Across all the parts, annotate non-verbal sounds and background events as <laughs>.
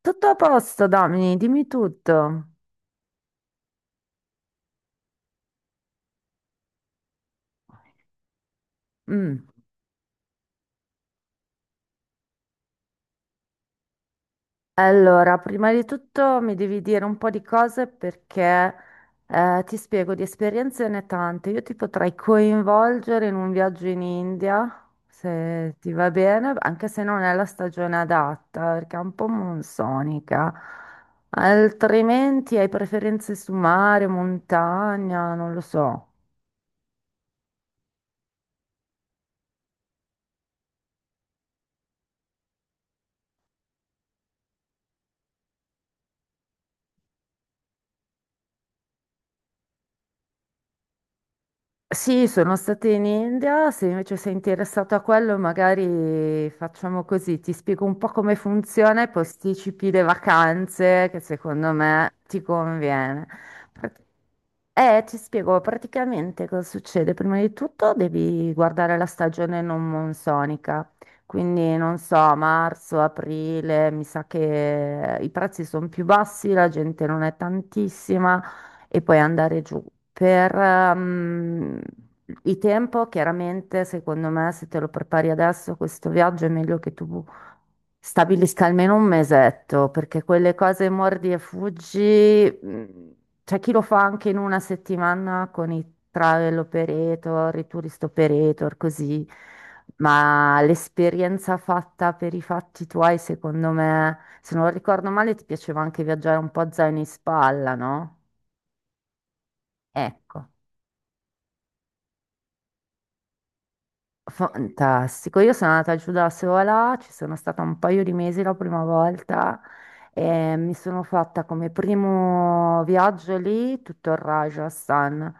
Tutto a posto, Domini, dimmi tutto. Mm. Allora, prima di tutto mi devi dire un po' di cose perché ti spiego, di esperienze ne tante. Io ti potrei coinvolgere in un viaggio in India, se ti va bene, anche se non è la stagione adatta, perché è un po' monsonica. Altrimenti hai preferenze su mare, montagna, non lo so. Sì, sono stata in India, se invece sei interessato a quello magari facciamo così, ti spiego un po' come funziona e posticipi le vacanze che secondo me ti conviene. Prat- ti spiego praticamente cosa succede. Prima di tutto devi guardare la stagione non monsonica, quindi non so, marzo, aprile, mi sa che i prezzi sono più bassi, la gente non è tantissima e poi andare giù. Per il tempo, chiaramente, secondo me, se te lo prepari adesso, questo viaggio è meglio che tu stabilisca almeno un mesetto, perché quelle cose mordi e fuggi, c'è chi lo fa anche in una settimana con i travel operator, i tourist operator, così, ma l'esperienza fatta per i fatti tuoi, secondo me, se non ricordo male, ti piaceva anche viaggiare un po' a zaino in spalla, no? Ecco, fantastico. Io sono andata giù da sola, ci sono stata un paio di mesi la prima volta e mi sono fatta come primo viaggio lì tutto il Rajasthan.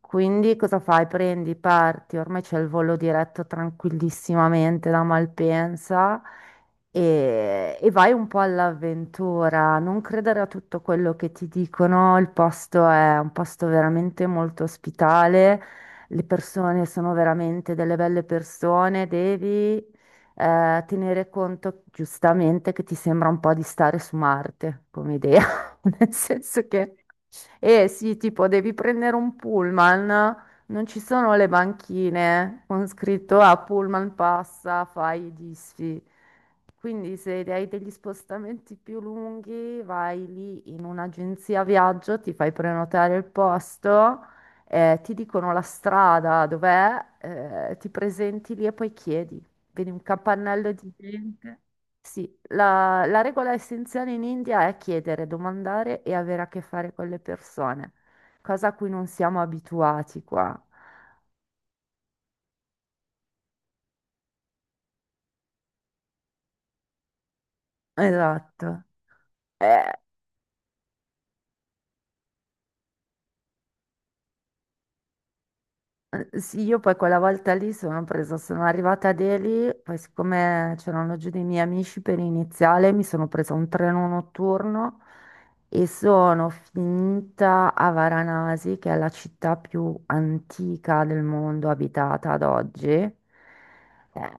Quindi cosa fai? Prendi, parti, ormai c'è il volo diretto tranquillissimamente da Malpensa e vai un po' all'avventura. Non credere a tutto quello che ti dicono, il posto è un posto veramente molto ospitale. Le persone sono veramente delle belle persone, devi tenere conto giustamente che ti sembra un po' di stare su Marte come idea, <laughs> nel senso che. E sì, tipo devi prendere un pullman, non ci sono le banchine con scritto a pullman passa, fai i disfi. Quindi se hai degli spostamenti più lunghi, vai lì in un'agenzia viaggio, ti fai prenotare il posto, ti dicono la strada dov'è, ti presenti lì e poi chiedi. Vedi un capannello di gente. Sì, la regola essenziale in India è chiedere, domandare e avere a che fare con le persone, cosa a cui non siamo abituati qua. Esatto. Eh, sì, io poi quella volta lì sono presa, sono arrivata a Delhi, poi siccome c'erano giù dei miei amici per iniziale, mi sono presa un treno notturno e sono finita a Varanasi, che è la città più antica del mondo abitata ad oggi. Eh,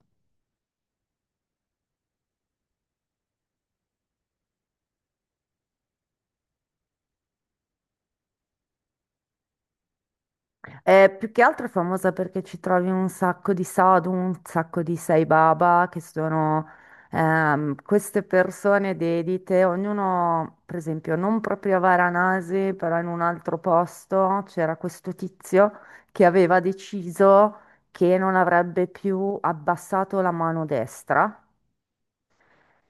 più che altro è famosa perché ci trovi un sacco di sadhu, un sacco di sai baba, che sono queste persone dedite, ognuno, per esempio, non proprio a Varanasi, però in un altro posto c'era questo tizio che aveva deciso che non avrebbe più abbassato la mano destra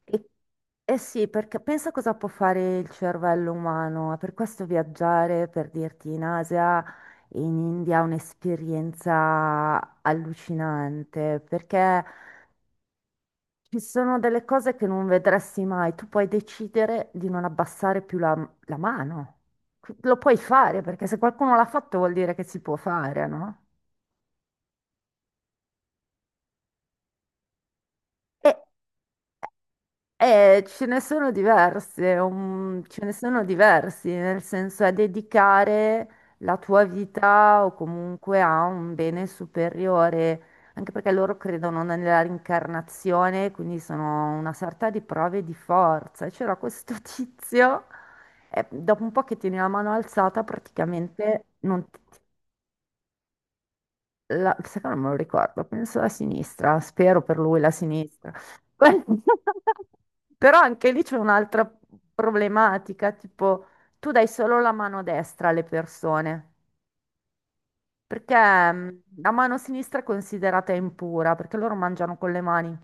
e- Eh sì, perché pensa cosa può fare il cervello umano, è per questo viaggiare, per dirti, in Asia e in India è un'esperienza allucinante, perché ci sono delle cose che non vedresti mai, tu puoi decidere di non abbassare più la mano, lo puoi fare, perché se qualcuno l'ha fatto vuol dire che si può fare, no? Ce ne sono diverse, ce ne sono diversi, nel senso è dedicare la tua vita o comunque a un bene superiore, anche perché loro credono nella rincarnazione, quindi sono una sorta di prove di forza. E c'era questo <laughs> tizio, e dopo un po' che tieni la mano alzata, praticamente non ti la, sai che non me lo ricordo, penso la sinistra, spero per lui la sinistra. <laughs> Però anche lì c'è un'altra problematica, tipo tu dai solo la mano destra alle persone, perché la mano sinistra è considerata impura, perché loro mangiano con le mani.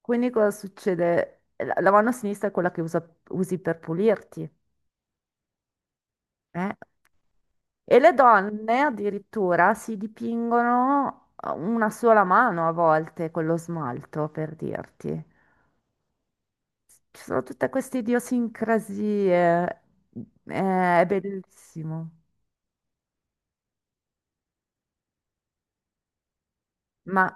Quindi cosa succede? La mano sinistra è quella che usi per pulirti, eh? E le donne addirittura si dipingono una sola mano a volte con lo smalto, per dirti. Ci sono tutte queste idiosincrasie, è bellissimo. Ma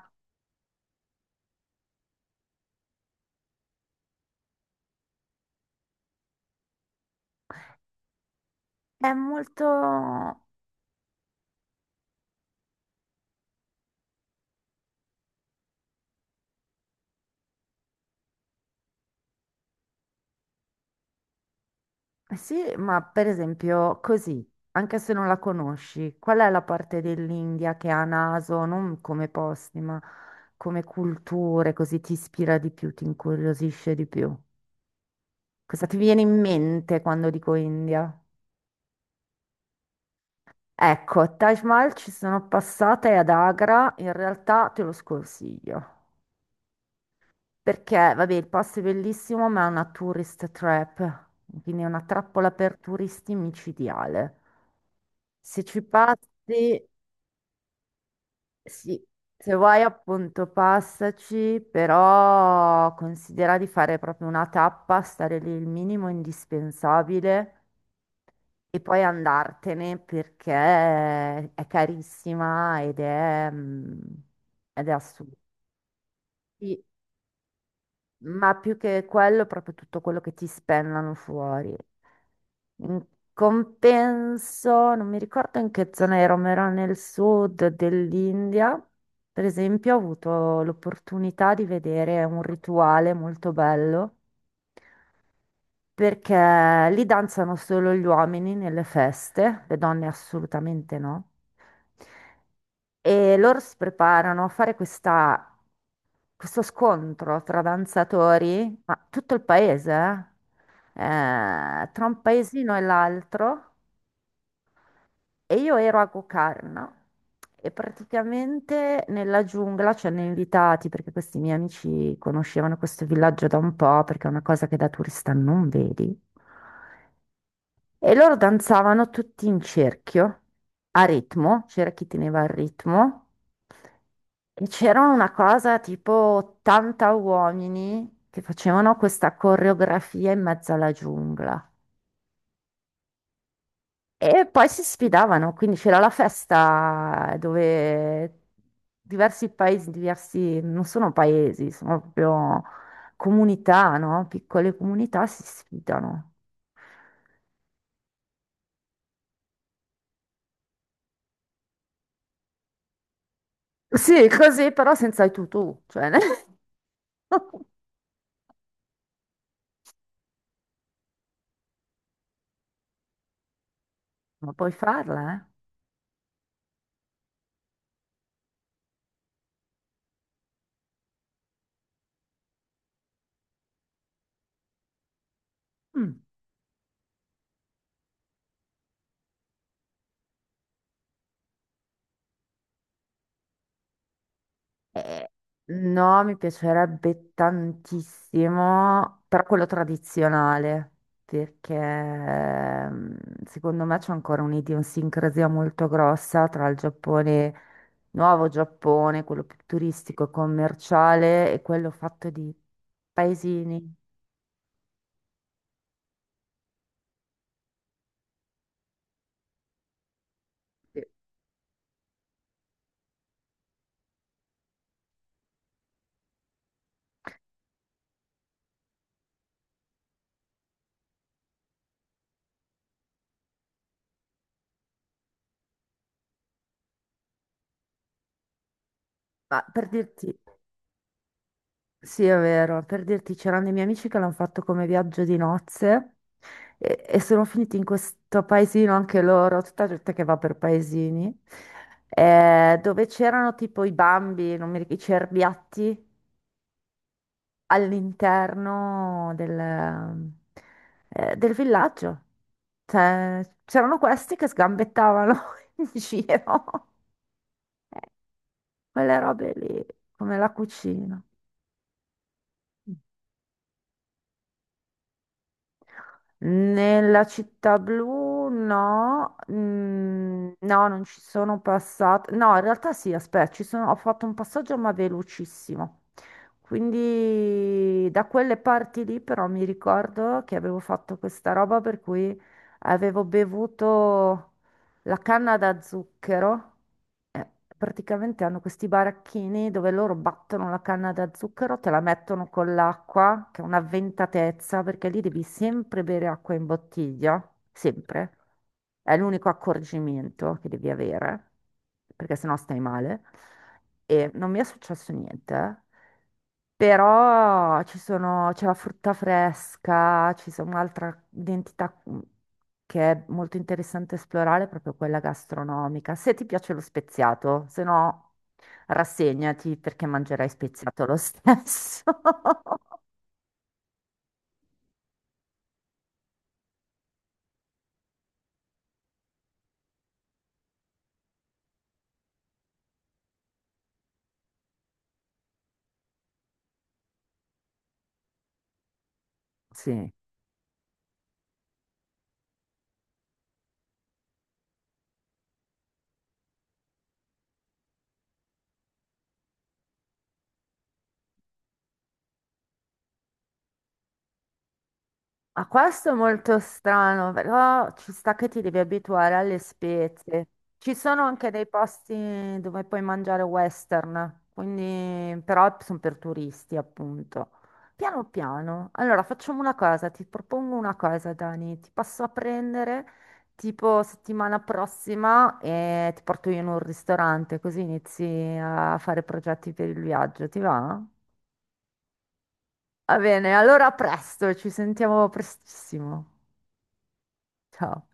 è molto. Sì, ma per esempio così, anche se non la conosci, qual è la parte dell'India che ha naso, non come posti, ma come culture, così ti ispira di più, ti incuriosisce di più? Cosa ti viene in mente quando dico India? Ecco, a Taj Mahal ci sono passata e ad Agra in realtà te lo sconsiglio. Perché, vabbè, il posto è bellissimo, ma è una tourist trap, quindi è una trappola per turisti micidiale. Se ci passi, sì, se vuoi appunto passaci, però considera di fare proprio una tappa, stare lì il minimo indispensabile. E poi andartene perché è carissima ed ed è assurdo. Sì, ma più che quello, proprio tutto quello che ti spennano fuori. In compenso, non mi ricordo in che zona ero, ma ero nel sud dell'India. Per esempio, ho avuto l'opportunità di vedere un rituale molto bello. Perché lì danzano solo gli uomini nelle feste, le donne assolutamente no. E loro si preparano a fare questo scontro tra danzatori, ma tutto il paese, tra un paesino e l'altro. E io ero a Gokarna e praticamente nella giungla ci hanno invitati perché questi miei amici conoscevano questo villaggio da un po', perché è una cosa che da turista non vedi. E loro danzavano tutti in cerchio, a ritmo, c'era chi teneva il ritmo, e c'era una cosa tipo 80 uomini che facevano questa coreografia in mezzo alla giungla. E poi si sfidavano, quindi c'era la festa dove diversi paesi, diversi, non sono paesi, sono proprio comunità, no? Piccole comunità si sfidano. Sì, così però senza i tutù, cioè, <laughs> ma puoi farla, eh? Mm. Eh, no, mi piacerebbe tantissimo, però quello tradizionale, perché secondo me c'è ancora un'idiosincrasia molto grossa tra il Giappone, nuovo Giappone, quello più turistico e commerciale, e quello fatto di paesini. Sì. Ma per dirti. Sì, è vero. Per dirti, c'erano dei miei amici che l'hanno fatto come viaggio di nozze e sono finiti in questo paesino anche loro, tutta gente che va per paesini, dove c'erano tipo i bambi, non mi ricordo, i cerbiatti all'interno del villaggio. Cioè, c'erano questi che sgambettavano <laughs> in giro. Eh, quelle robe lì, come la cucina. Nella città blu no, no, non ci sono passata. No, in realtà sì, aspetta, ho fatto un passaggio ma velocissimo. Quindi da quelle parti lì però mi ricordo che avevo fatto questa roba per cui avevo bevuto la canna da zucchero, eh, praticamente hanno questi baracchini dove loro battono la canna da zucchero, te la mettono con l'acqua, che è una ventatezza, perché lì devi sempre bere acqua in bottiglia, sempre. È l'unico accorgimento che devi avere, perché sennò stai male. E non mi è successo niente, eh. Però c'è la frutta fresca, ci sono un'altra identità che è molto interessante esplorare, proprio quella gastronomica. Se ti piace lo speziato, se no rassegnati perché mangerai speziato lo stesso. <laughs> Sì. Ma questo è molto strano, però ci sta che ti devi abituare alle spezie. Ci sono anche dei posti dove puoi mangiare western, quindi però sono per turisti, appunto. Piano piano. Allora, facciamo una cosa, ti propongo una cosa, Dani. Ti passo a prendere tipo settimana prossima e ti porto io in un ristorante, così inizi a fare progetti per il viaggio, ti va? Va bene, allora a presto, ci sentiamo prestissimo. Ciao.